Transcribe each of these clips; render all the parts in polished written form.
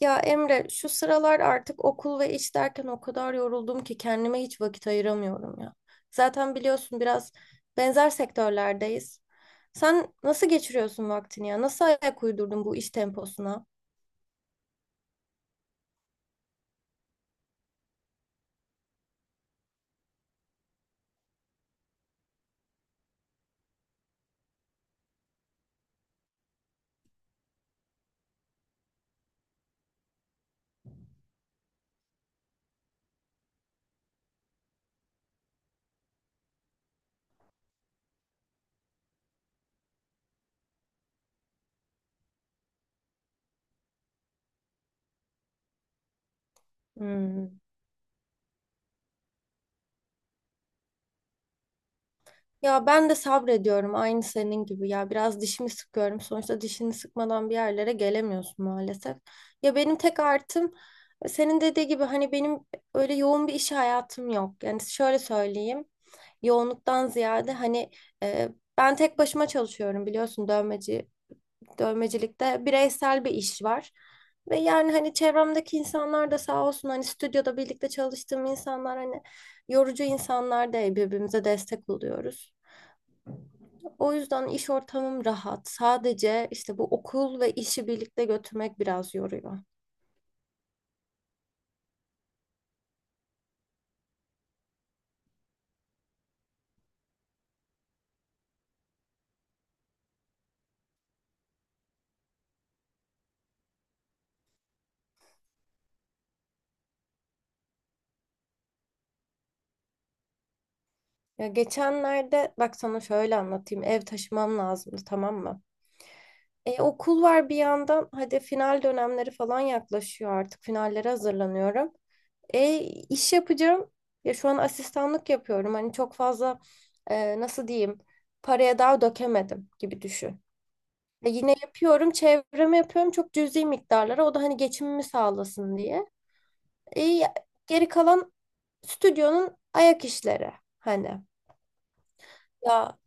Ya Emre, şu sıralar artık okul ve iş derken o kadar yoruldum ki kendime hiç vakit ayıramıyorum ya. Zaten biliyorsun biraz benzer sektörlerdeyiz. Sen nasıl geçiriyorsun vaktini ya? Nasıl ayak uydurdun bu iş temposuna? Hmm. Ya ben de sabrediyorum aynı senin gibi ya biraz dişimi sıkıyorum sonuçta dişini sıkmadan bir yerlere gelemiyorsun maalesef. Ya benim tek artım senin dediği gibi hani benim öyle yoğun bir iş hayatım yok. Yani şöyle söyleyeyim yoğunluktan ziyade e, ben tek başıma çalışıyorum biliyorsun dövmeci dövmecilikte bireysel bir iş var. Ve yani hani çevremdeki insanlar da sağ olsun hani stüdyoda birlikte çalıştığım insanlar hani yorucu insanlar değil birbirimize destek oluyoruz. O yüzden iş ortamım rahat. Sadece işte bu okul ve işi birlikte götürmek biraz yoruyor. Ya geçenlerde bak sana şöyle anlatayım. Ev taşımam lazımdı, tamam mı? Okul var bir yandan. Hadi final dönemleri falan yaklaşıyor artık. Finallere hazırlanıyorum. E, iş yapacağım. Ya şu an asistanlık yapıyorum. Hani çok fazla, nasıl diyeyim, paraya daha dökemedim gibi düşün. Yine yapıyorum, çevreme yapıyorum çok cüzi miktarlara. O da hani geçimimi sağlasın diye. E, ya- Geri kalan stüdyonun ayak işleri hani. Ya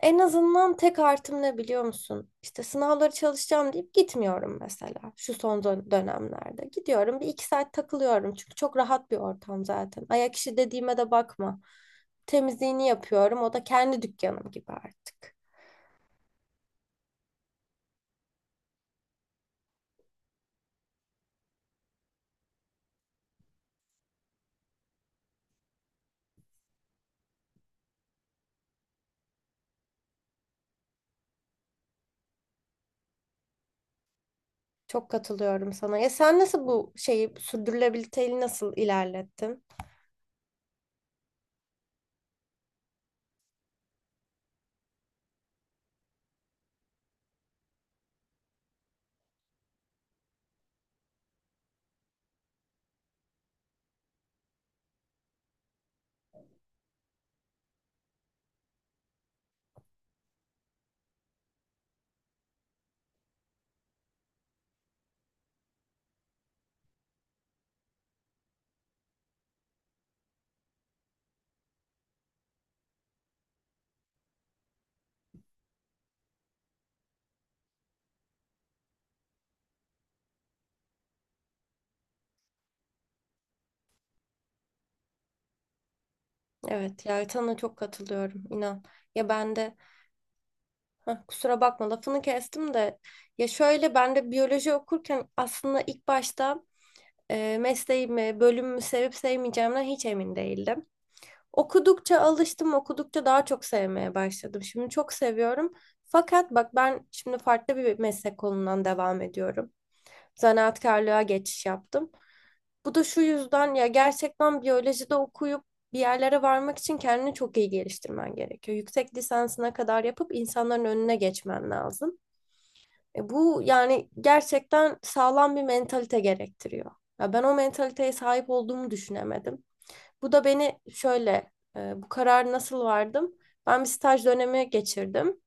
en azından tek artım ne biliyor musun? İşte sınavları çalışacağım deyip gitmiyorum mesela şu son dönemlerde. Gidiyorum bir iki saat takılıyorum çünkü çok rahat bir ortam zaten. Ayak işi dediğime de bakma. Temizliğini yapıyorum, o da kendi dükkanım gibi artık. Çok katılıyorum sana. Ya sen nasıl bu şeyi, sürdürülebilirliği nasıl ilerlettin? Evet ya, sana çok katılıyorum inan. Ya ben de kusura bakma lafını kestim de ya şöyle ben de biyoloji okurken aslında ilk başta, mesleğimi, bölümümü sevip sevmeyeceğimden hiç emin değildim. Okudukça alıştım, okudukça daha çok sevmeye başladım. Şimdi çok seviyorum. Fakat bak, ben şimdi farklı bir meslek kolundan devam ediyorum. Zanaatkarlığa geçiş yaptım. Bu da şu yüzden, ya gerçekten biyolojide okuyup bir yerlere varmak için kendini çok iyi geliştirmen gerekiyor. Yüksek lisansına kadar yapıp insanların önüne geçmen lazım. Bu yani gerçekten sağlam bir mentalite gerektiriyor. Ya ben o mentaliteye sahip olduğumu düşünemedim. Bu da beni şöyle e, bu karar nasıl vardım? Ben bir staj dönemi geçirdim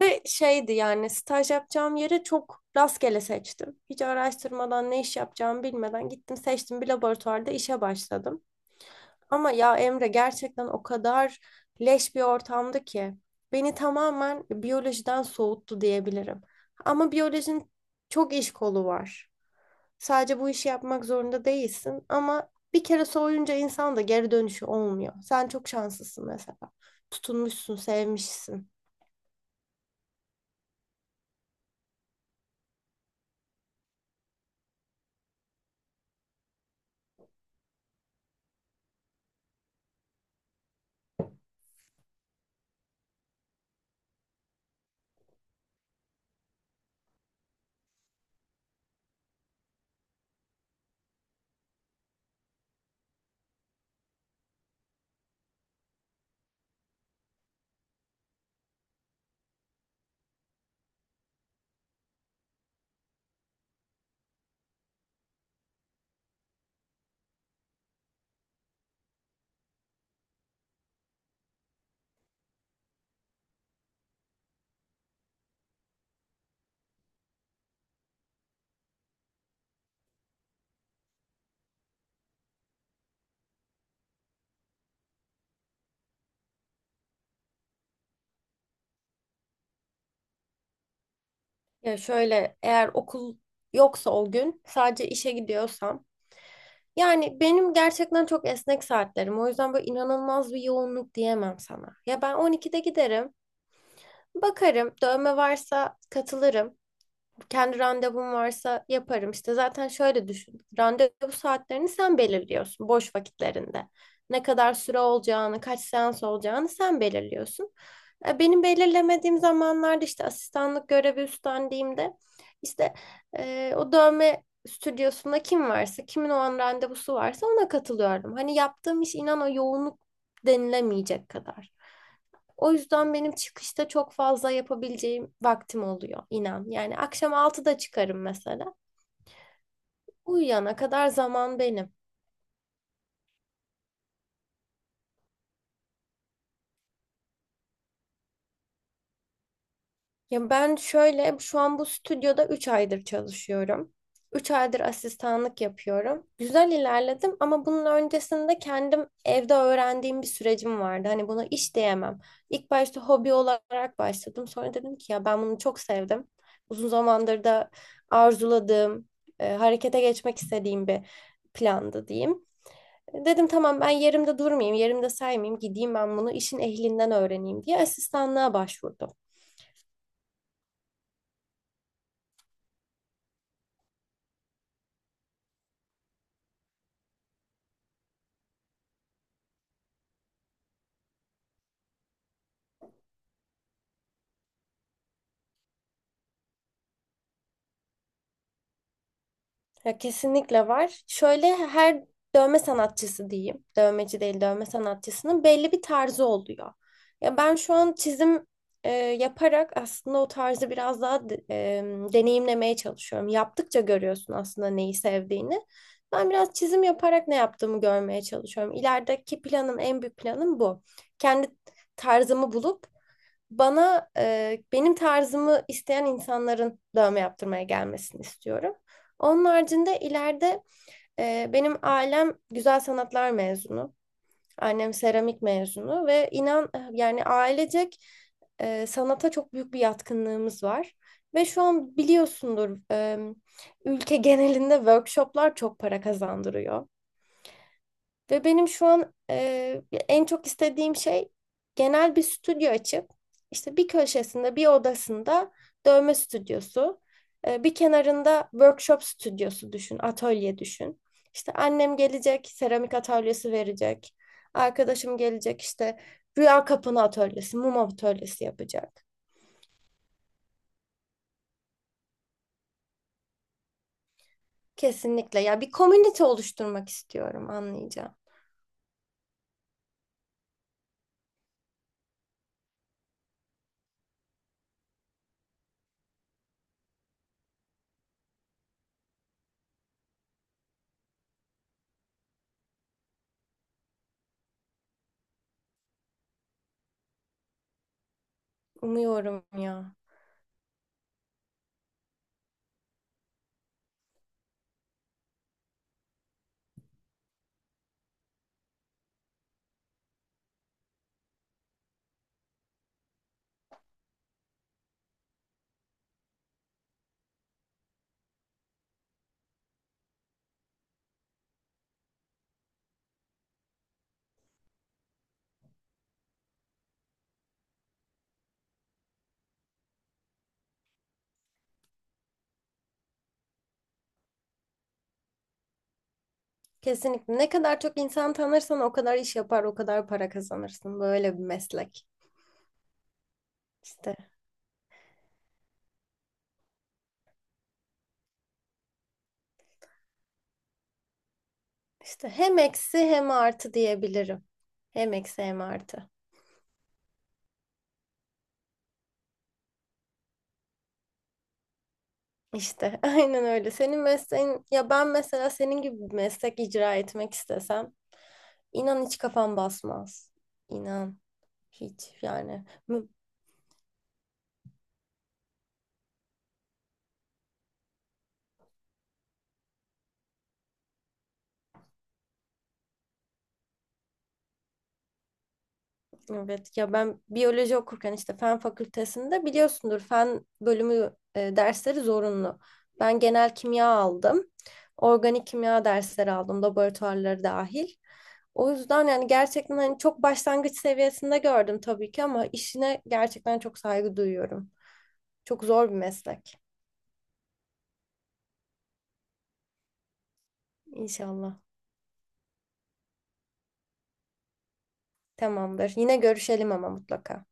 ve şeydi, yani staj yapacağım yeri çok rastgele seçtim. Hiç araştırmadan, ne iş yapacağımı bilmeden gittim, seçtim, bir laboratuvarda işe başladım. Ama ya Emre, gerçekten o kadar leş bir ortamdı ki beni tamamen biyolojiden soğuttu diyebilirim. Ama biyolojinin çok iş kolu var. Sadece bu işi yapmak zorunda değilsin ama bir kere soğuyunca insan da geri dönüşü olmuyor. Sen çok şanslısın mesela. Tutunmuşsun, sevmişsin. Ya şöyle, eğer okul yoksa, o gün sadece işe gidiyorsam, yani benim gerçekten çok esnek saatlerim. O yüzden böyle inanılmaz bir yoğunluk diyemem sana. Ya ben 12'de giderim, bakarım, dövme varsa katılırım, kendi randevum varsa yaparım. İşte zaten şöyle düşün. Randevu saatlerini sen belirliyorsun boş vakitlerinde. Ne kadar süre olacağını, kaç seans olacağını sen belirliyorsun. Benim belirlemediğim zamanlarda, işte asistanlık görevi üstlendiğimde, işte o dövme stüdyosunda kim varsa, kimin o an randevusu varsa ona katılıyorum. Hani yaptığım iş inan o yoğunluk denilemeyecek kadar. O yüzden benim çıkışta çok fazla yapabileceğim vaktim oluyor inan. Yani akşam 6'da çıkarım mesela. Uyuyana kadar zaman benim. Ya ben şöyle, şu an bu stüdyoda 3 aydır çalışıyorum. 3 aydır asistanlık yapıyorum. Güzel ilerledim ama bunun öncesinde kendim evde öğrendiğim bir sürecim vardı. Hani buna iş diyemem. İlk başta hobi olarak başladım. Sonra dedim ki ya ben bunu çok sevdim. Uzun zamandır da arzuladığım, harekete geçmek istediğim bir plandı diyeyim. Dedim tamam, ben yerimde durmayayım, yerimde saymayayım, gideyim ben bunu işin ehlinden öğreneyim diye asistanlığa başvurdum. Ya kesinlikle var. Şöyle, her dövme sanatçısı diyeyim. Dövmeci değil, dövme sanatçısının belli bir tarzı oluyor. Ya ben şu an çizim yaparak aslında o tarzı biraz daha deneyimlemeye çalışıyorum. Yaptıkça görüyorsun aslında neyi sevdiğini. Ben biraz çizim yaparak ne yaptığımı görmeye çalışıyorum. İlerideki planım, en büyük planım bu. Kendi tarzımı bulup bana, benim tarzımı isteyen insanların dövme yaptırmaya gelmesini istiyorum. Onun haricinde ileride, benim ailem güzel sanatlar mezunu. Annem seramik mezunu ve inan, yani ailecek sanata çok büyük bir yatkınlığımız var. Ve şu an biliyorsundur, ülke genelinde workshoplar çok para kazandırıyor. Ve benim şu an en çok istediğim şey genel bir stüdyo açıp işte bir köşesinde, bir odasında dövme stüdyosu, bir kenarında workshop stüdyosu düşün, atölye düşün. İşte annem gelecek, seramik atölyesi verecek. Arkadaşım gelecek, işte rüya kapını atölyesi, mum atölyesi yapacak. Kesinlikle. Ya bir komünite oluşturmak istiyorum, anlayacağım. Umuyorum ya. Kesinlikle. Ne kadar çok insan tanırsan o kadar iş yapar, o kadar para kazanırsın. Böyle bir meslek. İşte, işte, hem eksi hem artı diyebilirim. Hem eksi hem artı. İşte aynen öyle. Senin mesleğin, ya ben mesela senin gibi bir meslek icra etmek istesem inan hiç kafam basmaz. İnan hiç yani. Mü- Evet ya, ben biyoloji okurken işte fen fakültesinde biliyorsundur, fen bölümü dersleri zorunlu. Ben genel kimya aldım. Organik kimya dersleri aldım, laboratuvarları dahil. O yüzden yani gerçekten hani çok başlangıç seviyesinde gördüm tabii ki ama işine gerçekten çok saygı duyuyorum. Çok zor bir meslek. İnşallah. Tamamdır. Yine görüşelim ama mutlaka.